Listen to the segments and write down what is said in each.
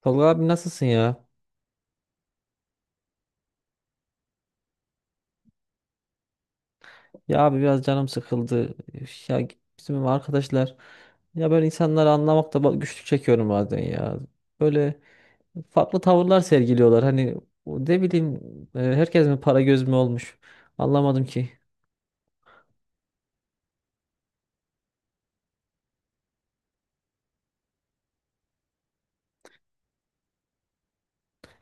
Tolga abi nasılsın ya? Ya abi biraz canım sıkıldı. Ya bizim arkadaşlar ya böyle insanları anlamakta güçlük çekiyorum bazen ya. Böyle farklı tavırlar sergiliyorlar. Hani o ne bileyim, herkes mi para göz mü olmuş? Anlamadım ki.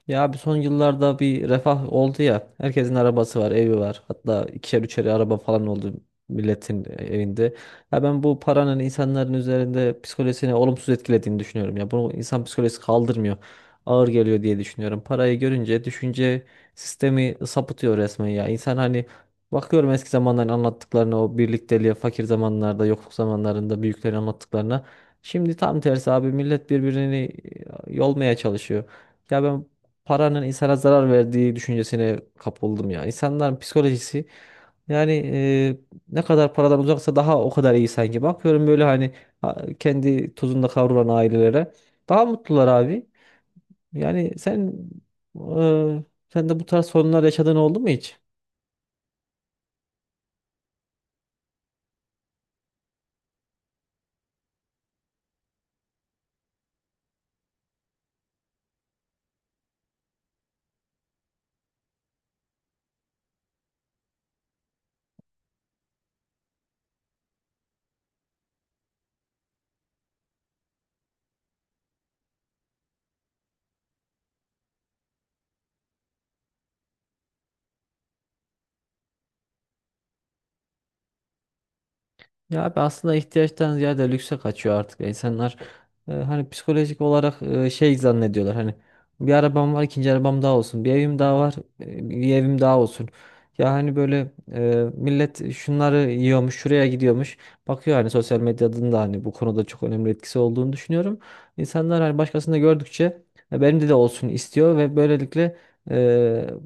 Ya abi son yıllarda bir refah oldu ya. Herkesin arabası var, evi var. Hatta ikişer üçer araba falan oldu milletin evinde. Ya ben bu paranın insanların üzerinde psikolojisini olumsuz etkilediğini düşünüyorum. Ya bunu insan psikolojisi kaldırmıyor. Ağır geliyor diye düşünüyorum. Parayı görünce düşünce sistemi sapıtıyor resmen ya. İnsan hani bakıyorum eski zamanların anlattıklarına, o birlikteliğe, fakir zamanlarda, yokluk zamanlarında büyüklerin anlattıklarına. Şimdi tam tersi abi millet birbirini yolmaya çalışıyor. Ya ben paranın insana zarar verdiği düşüncesine kapıldım ya. İnsanların psikolojisi yani, ne kadar paradan uzaksa daha o kadar iyi sanki. Bakıyorum böyle hani kendi tozunda kavrulan ailelere daha mutlular abi. Yani sen, e, sen de bu tarz sorunlar yaşadığın oldu mu hiç? Ya abi aslında ihtiyaçtan ziyade lükse kaçıyor artık. İnsanlar hani psikolojik olarak şey zannediyorlar. Hani bir arabam var, ikinci arabam daha olsun. Bir evim daha var, bir evim daha olsun. Ya hani böyle, millet şunları yiyormuş, şuraya gidiyormuş. Bakıyor hani sosyal medyanın da hani bu konuda çok önemli etkisi olduğunu düşünüyorum. İnsanlar hani başkasında gördükçe "E, benim de olsun" istiyor ve böylelikle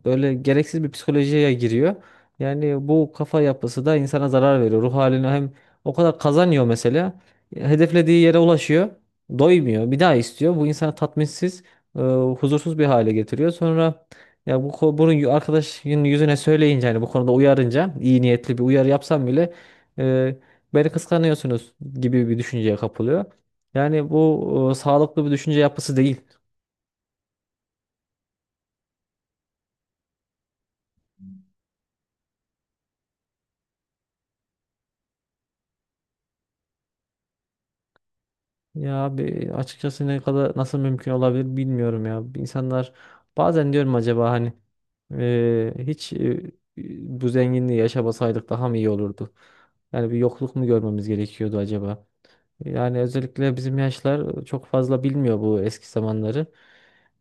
böyle gereksiz bir psikolojiye giriyor. Yani bu kafa yapısı da insana zarar veriyor. Ruh haline hem o kadar kazanıyor mesela. Hedeflediği yere ulaşıyor. Doymuyor. Bir daha istiyor. Bu insanı tatminsiz, e, huzursuz bir hale getiriyor. Sonra ya bu ko- bunu yu- arkadaşın yüzüne söyleyince hani bu konuda uyarınca iyi niyetli bir uyarı yapsam bile e, beni kıskanıyorsunuz gibi bir düşünceye kapılıyor. Yani bu sağlıklı bir düşünce yapısı değil. Ya abi açıkçası ne kadar, nasıl mümkün olabilir bilmiyorum ya. İnsanlar bazen diyorum acaba hani hiç bu zenginliği yaşamasaydık daha mı iyi olurdu? Yani bir yokluk mu görmemiz gerekiyordu acaba? Yani özellikle bizim yaşlar çok fazla bilmiyor bu eski zamanları.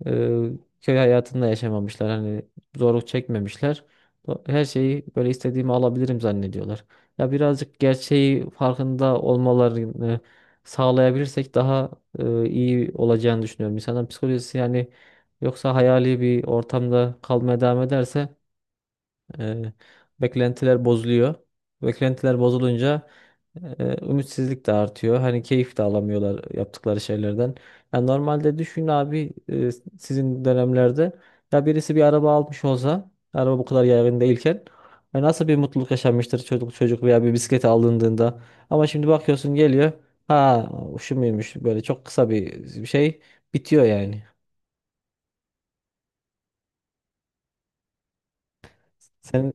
Ee, Köy hayatında yaşamamışlar. Hani zorluk çekmemişler. Her şeyi böyle istediğimi alabilirim zannediyorlar. Ya birazcık gerçeği farkında olmalarını sağlayabilirsek daha iyi olacağını düşünüyorum. İnsanın psikolojisi yani, yoksa hayali bir ortamda kalmaya devam ederse e, beklentiler bozuluyor. Beklentiler bozulunca ümitsizlik de artıyor. Hani keyif de alamıyorlar yaptıkları şeylerden. Yani normalde düşün abi, sizin dönemlerde ya birisi bir araba almış olsa, araba bu kadar yaygın değilken, ya nasıl bir mutluluk yaşanmıştır çocuk çocuk veya bir bisiklet alındığında. Ama şimdi bakıyorsun geliyor, ha, şu muymuş, böyle çok kısa bir şey, bitiyor yani. Senin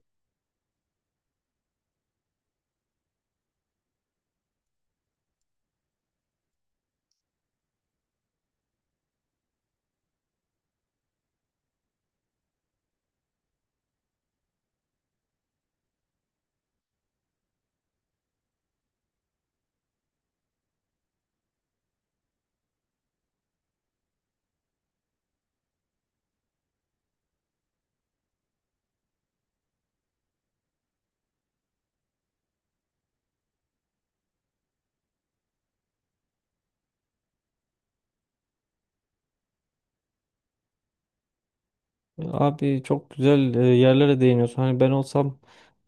abi çok güzel yerlere değiniyorsun. Hani ben olsam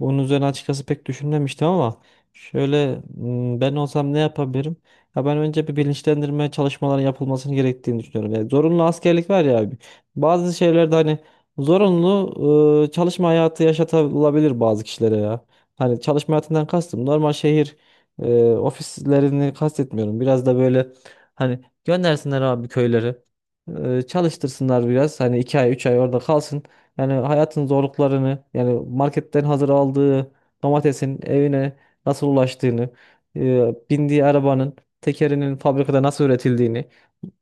bunun üzerine açıkçası pek düşünmemiştim ama şöyle, ben olsam ne yapabilirim? Ya ben önce bir bilinçlendirme çalışmaları yapılmasını gerektiğini düşünüyorum. Yani zorunlu askerlik var ya abi. Bazı şeylerde hani zorunlu çalışma hayatı yaşatılabilir bazı kişilere ya. Hani çalışma hayatından kastım normal şehir ofislerini kastetmiyorum. Biraz da böyle hani göndersinler abi köylere, çalıştırsınlar biraz. Hani 2 ay 3 ay orada kalsın. Yani hayatın zorluklarını, yani marketten hazır aldığı domatesin evine nasıl ulaştığını, bindiği arabanın tekerinin fabrikada nasıl üretildiğini,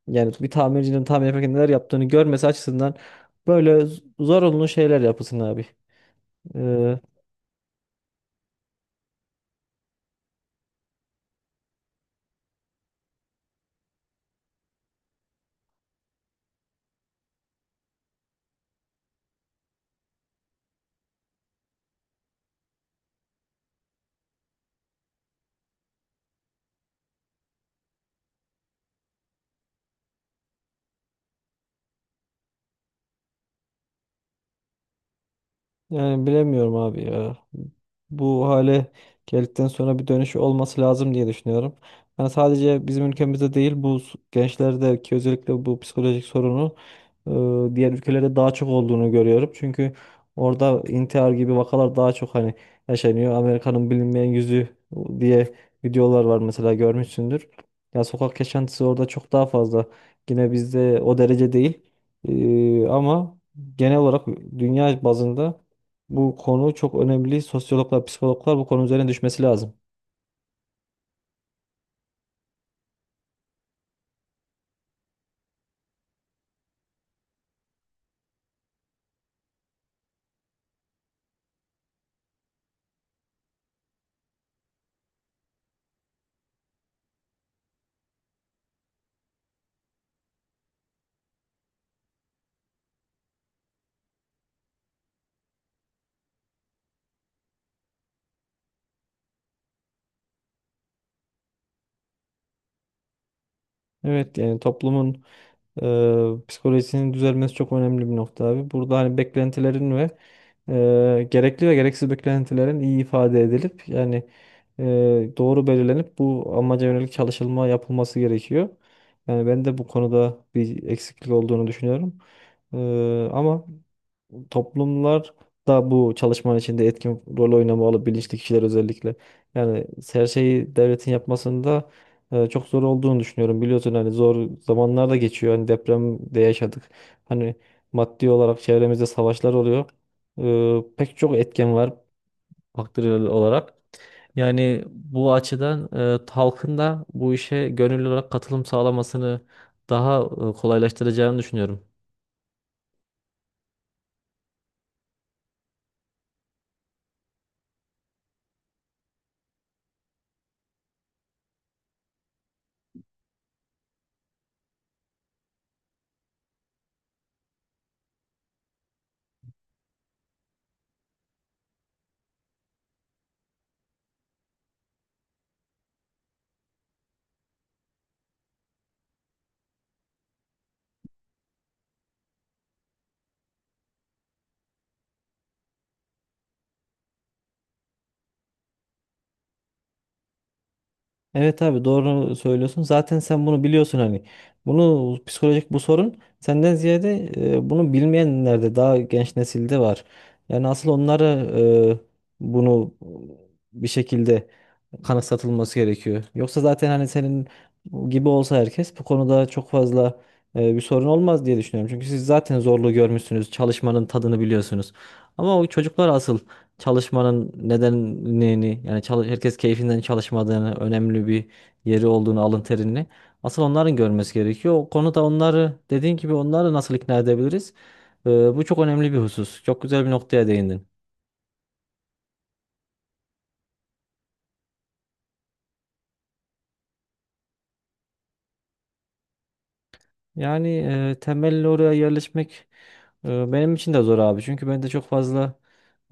yani bir tamircinin tamir yaparken neler yaptığını görmesi açısından böyle zorunlu şeyler yapılsın abi. Yani bilemiyorum abi ya. Bu hale geldikten sonra bir dönüş olması lazım diye düşünüyorum. Yani sadece bizim ülkemizde değil bu, gençlerdeki özellikle bu psikolojik sorunu diğer ülkelerde daha çok olduğunu görüyorum. Çünkü orada intihar gibi vakalar daha çok hani yaşanıyor. Amerika'nın bilinmeyen yüzü diye videolar var mesela, görmüşsündür. Ya sokak yaşantısı orada çok daha fazla. Yine bizde o derece değil. Ama genel olarak dünya bazında bu konu çok önemli. Sosyologlar, psikologlar bu konu üzerine düşmesi lazım. Evet, yani toplumun psikolojisinin düzelmesi çok önemli bir nokta abi. Burada hani beklentilerin ve gerekli ve gereksiz beklentilerin iyi ifade edilip yani e, doğru belirlenip bu amaca yönelik çalışılma yapılması gerekiyor. Yani ben de bu konuda bir eksiklik olduğunu düşünüyorum. E, Ama toplumlar da bu çalışmanın içinde etkin rol oynamalı, bilinçli kişiler özellikle. Yani her şeyi devletin yapmasında çok zor olduğunu düşünüyorum. Biliyorsun hani zor zamanlar da geçiyor. Hani depremde yaşadık. Hani maddi olarak çevremizde savaşlar oluyor. Pek çok etken var faktörel olarak. Yani bu açıdan halkın da bu işe gönüllü olarak katılım sağlamasını daha kolaylaştıracağını düşünüyorum. Evet abi, doğru söylüyorsun. Zaten sen bunu biliyorsun hani. Bunu, psikolojik bu sorun senden ziyade bunu bilmeyenlerde, daha genç nesilde var. Yani asıl onlara e, bunu bir şekilde kanıksatılması gerekiyor. Yoksa zaten hani senin gibi olsa herkes bu konuda çok fazla bir sorun olmaz diye düşünüyorum. Çünkü siz zaten zorluğu görmüşsünüz, çalışmanın tadını biliyorsunuz. Ama o çocuklar asıl çalışmanın nedenini, yani çalış, herkes keyfinden çalışmadığını, önemli bir yeri olduğunu, alın terini asıl onların görmesi gerekiyor. O konuda onları, dediğin gibi, onları nasıl ikna edebiliriz? Bu çok önemli bir husus. Çok güzel bir noktaya değindin. Yani temelli oraya yerleşmek benim için de zor abi. Çünkü ben de çok fazla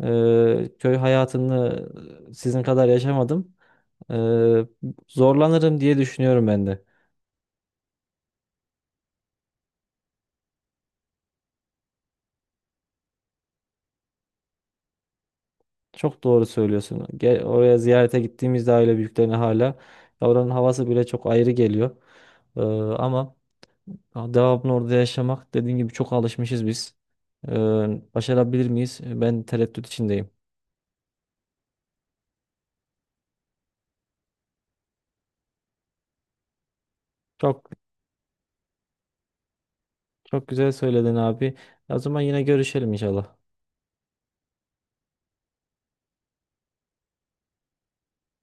köy hayatını sizin kadar yaşamadım. E, Zorlanırım diye düşünüyorum ben de. Çok doğru söylüyorsun. Gel, oraya ziyarete gittiğimizde aile büyüklerine hala ya oranın havası bile çok ayrı geliyor. Ama devamlı orada yaşamak, dediğin gibi çok alışmışız biz. Ee, Başarabilir miyiz? Ben tereddüt içindeyim. Çok güzel söyledin abi. O zaman yine görüşelim inşallah.